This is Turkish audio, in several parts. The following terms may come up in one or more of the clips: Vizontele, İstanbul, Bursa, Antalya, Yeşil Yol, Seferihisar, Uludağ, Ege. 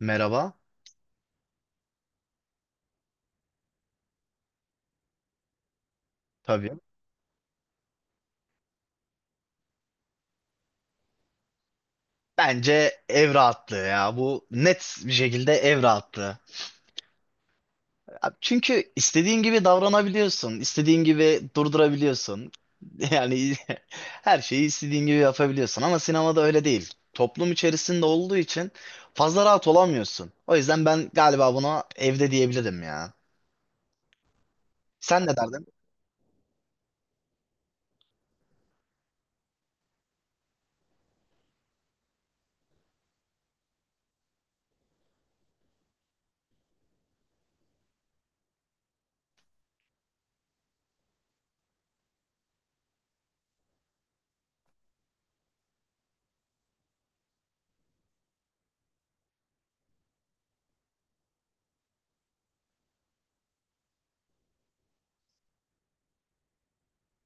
Merhaba. Tabii. Bence ev rahatlığı ya. Bu net bir şekilde ev rahatlığı. Çünkü istediğin gibi davranabiliyorsun. İstediğin gibi durdurabiliyorsun. Yani her şeyi istediğin gibi yapabiliyorsun. Ama sinemada öyle değil. Toplum içerisinde olduğu için fazla rahat olamıyorsun. O yüzden ben galiba buna evde diyebilirim ya. Sen ne derdin?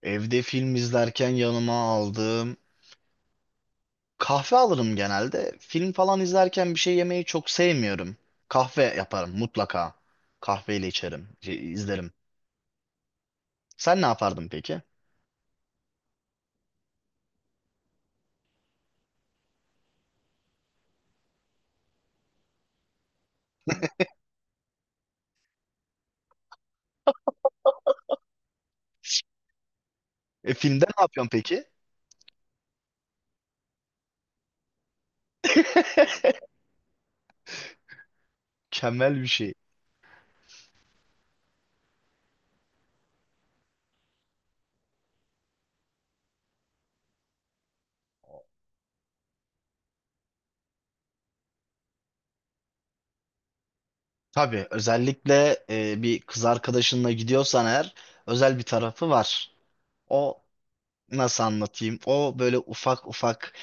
Evde film izlerken yanıma aldığım kahve alırım genelde. Film falan izlerken bir şey yemeyi çok sevmiyorum. Kahve yaparım mutlaka. Kahveyle içerim, şey, izlerim. Sen ne yapardın peki? Filmde ne yapıyorsun peki? Mükemmel bir şey. Tabii özellikle bir kız arkadaşınla gidiyorsan eğer özel bir tarafı var. O nasıl anlatayım? O böyle ufak ufak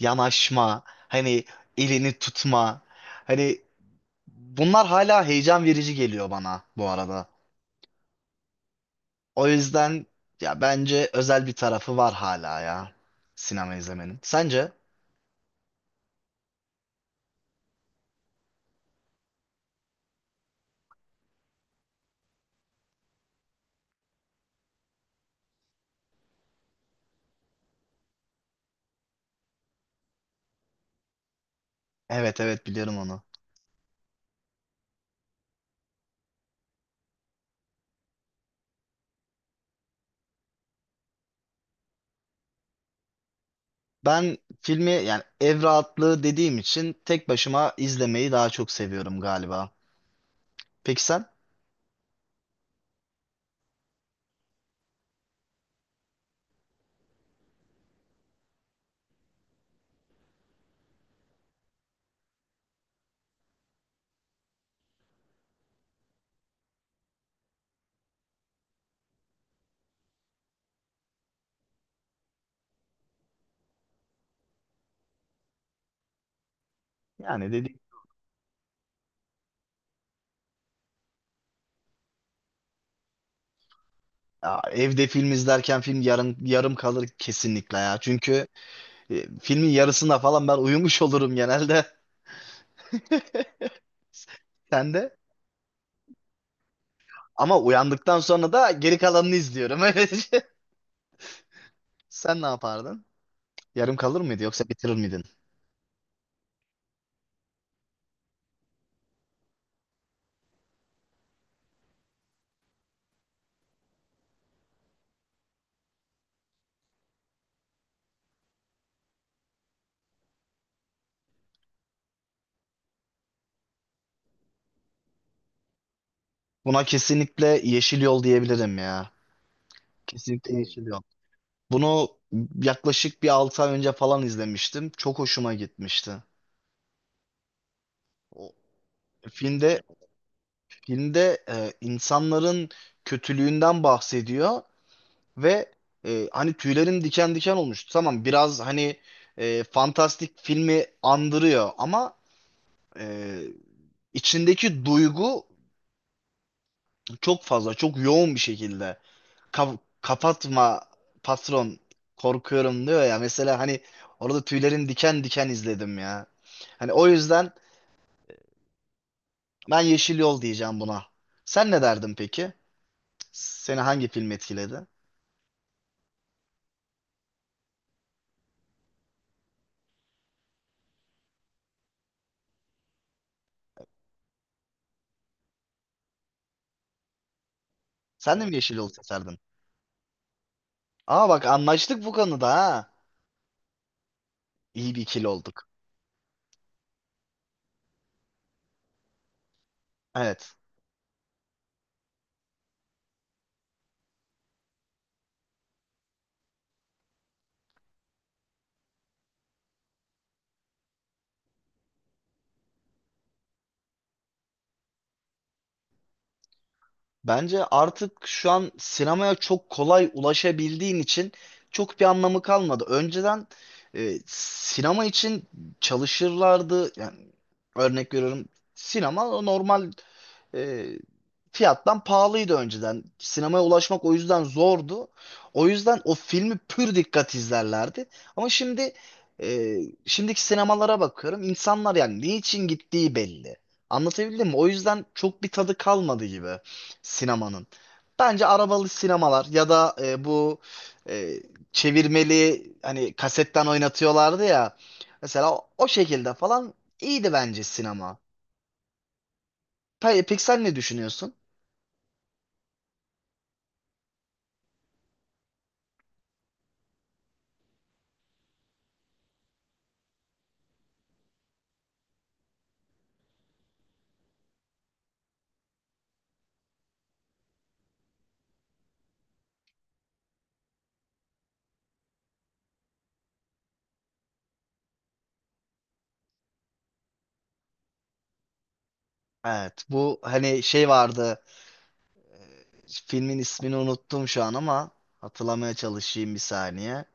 yanaşma, hani elini tutma. Hani bunlar hala heyecan verici geliyor bana bu arada. O yüzden ya bence özel bir tarafı var hala ya sinema izlemenin. Sence? Evet evet biliyorum onu. Ben filmi yani ev rahatlığı dediğim için tek başıma izlemeyi daha çok seviyorum galiba. Peki sen? Yani dedi ya evde film izlerken film yarım kalır kesinlikle ya. Çünkü filmin yarısında falan ben uyumuş olurum genelde. Sen de? Ama uyandıktan sonra da geri kalanını izliyorum. Öyle. Sen ne yapardın? Yarım kalır mıydı yoksa bitirir miydin? Buna kesinlikle Yeşil Yol diyebilirim ya. Kesinlikle Yeşil Yol. Bunu yaklaşık bir 6 ay önce falan izlemiştim. Çok hoşuma gitmişti. O filmde insanların kötülüğünden bahsediyor ve hani tüylerim diken diken olmuştu. Tamam biraz hani fantastik filmi andırıyor ama e, içindeki duygu çok fazla, çok yoğun bir şekilde. Kapatma patron korkuyorum diyor ya mesela, hani orada tüylerin diken diken izledim ya. Hani o yüzden ben Yeşil Yol diyeceğim buna. Sen ne derdin peki? Seni hangi film etkiledi? Sen de mi Yeşil Yol seçerdin? Aa bak, anlaştık bu konuda ha. İyi bir ikili olduk. Evet. Bence artık şu an sinemaya çok kolay ulaşabildiğin için çok bir anlamı kalmadı. Önceden sinema için çalışırlardı. Yani örnek veriyorum, sinema normal e, fiyattan pahalıydı önceden. Sinemaya ulaşmak o yüzden zordu. O yüzden o filmi pür dikkat izlerlerdi. Ama şimdi, e, şimdiki sinemalara bakıyorum. İnsanlar yani niçin gittiği belli. Anlatabildim mi? O yüzden çok bir tadı kalmadı gibi sinemanın. Bence arabalı sinemalar ya da bu e, çevirmeli hani kasetten oynatıyorlardı ya. Mesela o şekilde falan iyiydi bence sinema. Peki sen ne düşünüyorsun? Evet bu hani şey vardı, filmin ismini unuttum şu an ama hatırlamaya çalışayım bir saniye.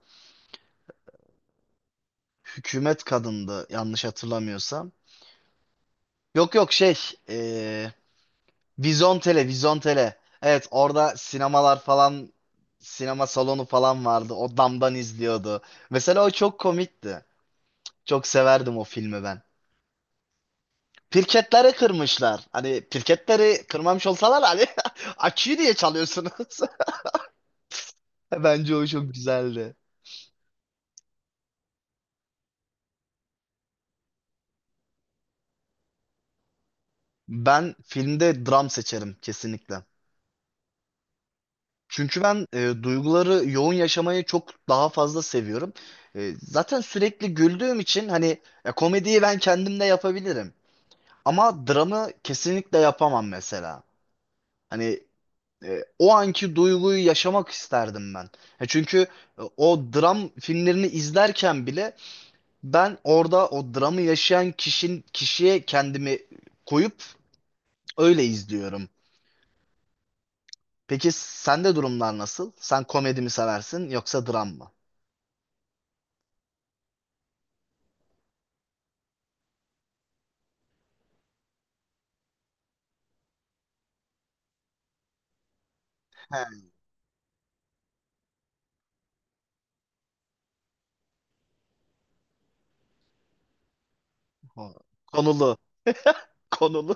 Hükümet Kadındı yanlış hatırlamıyorsam. Yok yok, şey, eee Vizontele Vizontele. Evet orada sinemalar falan, sinema salonu falan vardı, o damdan izliyordu. Mesela o çok komikti. Çok severdim o filmi ben. Pirketleri kırmışlar. Hani pirketleri kırmamış olsalar hani açıyı diye çalıyorsunuz. Bence o çok güzeldi. Ben filmde dram seçerim kesinlikle. Çünkü ben duyguları yoğun yaşamayı çok daha fazla seviyorum. Zaten sürekli güldüğüm için hani komediyi ben kendim de yapabilirim. Ama dramı kesinlikle yapamam mesela. Hani o anki duyguyu yaşamak isterdim ben. Çünkü o dram filmlerini izlerken bile ben orada o dramı yaşayan kişinin kişiye kendimi koyup öyle izliyorum. Peki sende durumlar nasıl? Sen komedi mi seversin yoksa dram mı? He, o- konulu, konulu.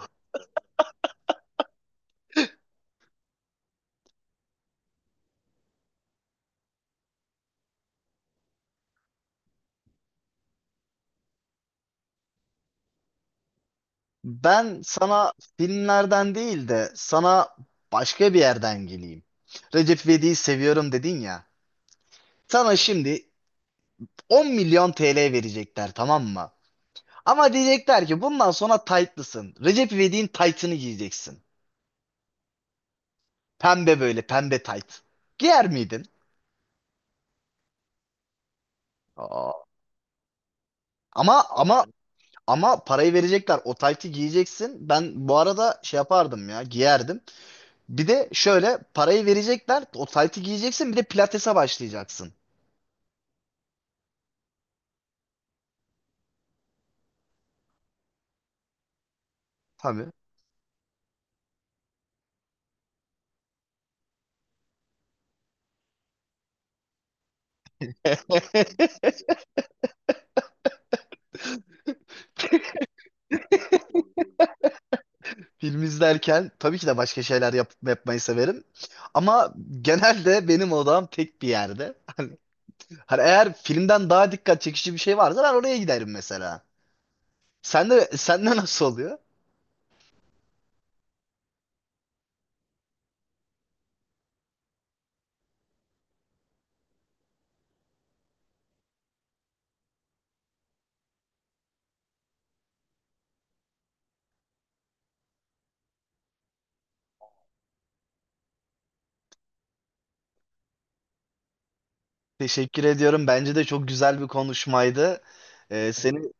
Ben sana filmlerden değil de sana başka bir yerden geleyim. Recep İvedik'i seviyorum dedin ya. Sana şimdi 10 milyon TL verecekler, tamam mı? Ama diyecekler ki bundan sonra taytlısın. Recep İvedik'in taytını giyeceksin. Pembe, böyle pembe tayt. Giyer miydin? Aa. Ama ama ama parayı verecekler. O taytı giyeceksin. Ben bu arada şey yapardım ya, giyerdim. Bir de şöyle, parayı verecekler. O taytı giyeceksin, bir de pilatese başlayacaksın. Tabii. Film izlerken tabii ki de başka şeyler yapmayı severim. Ama genelde benim odam tek bir yerde. Hani eğer filmden daha dikkat çekici bir şey varsa ben oraya giderim mesela. Sen de, sende nasıl oluyor? Teşekkür ediyorum. Bence de çok güzel bir konuşmaydı. Senin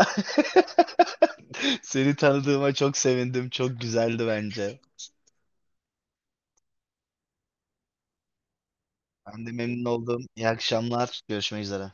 seni tanıdığıma çok sevindim. Çok güzeldi bence. Ben de memnun oldum. İyi akşamlar. Görüşmek üzere.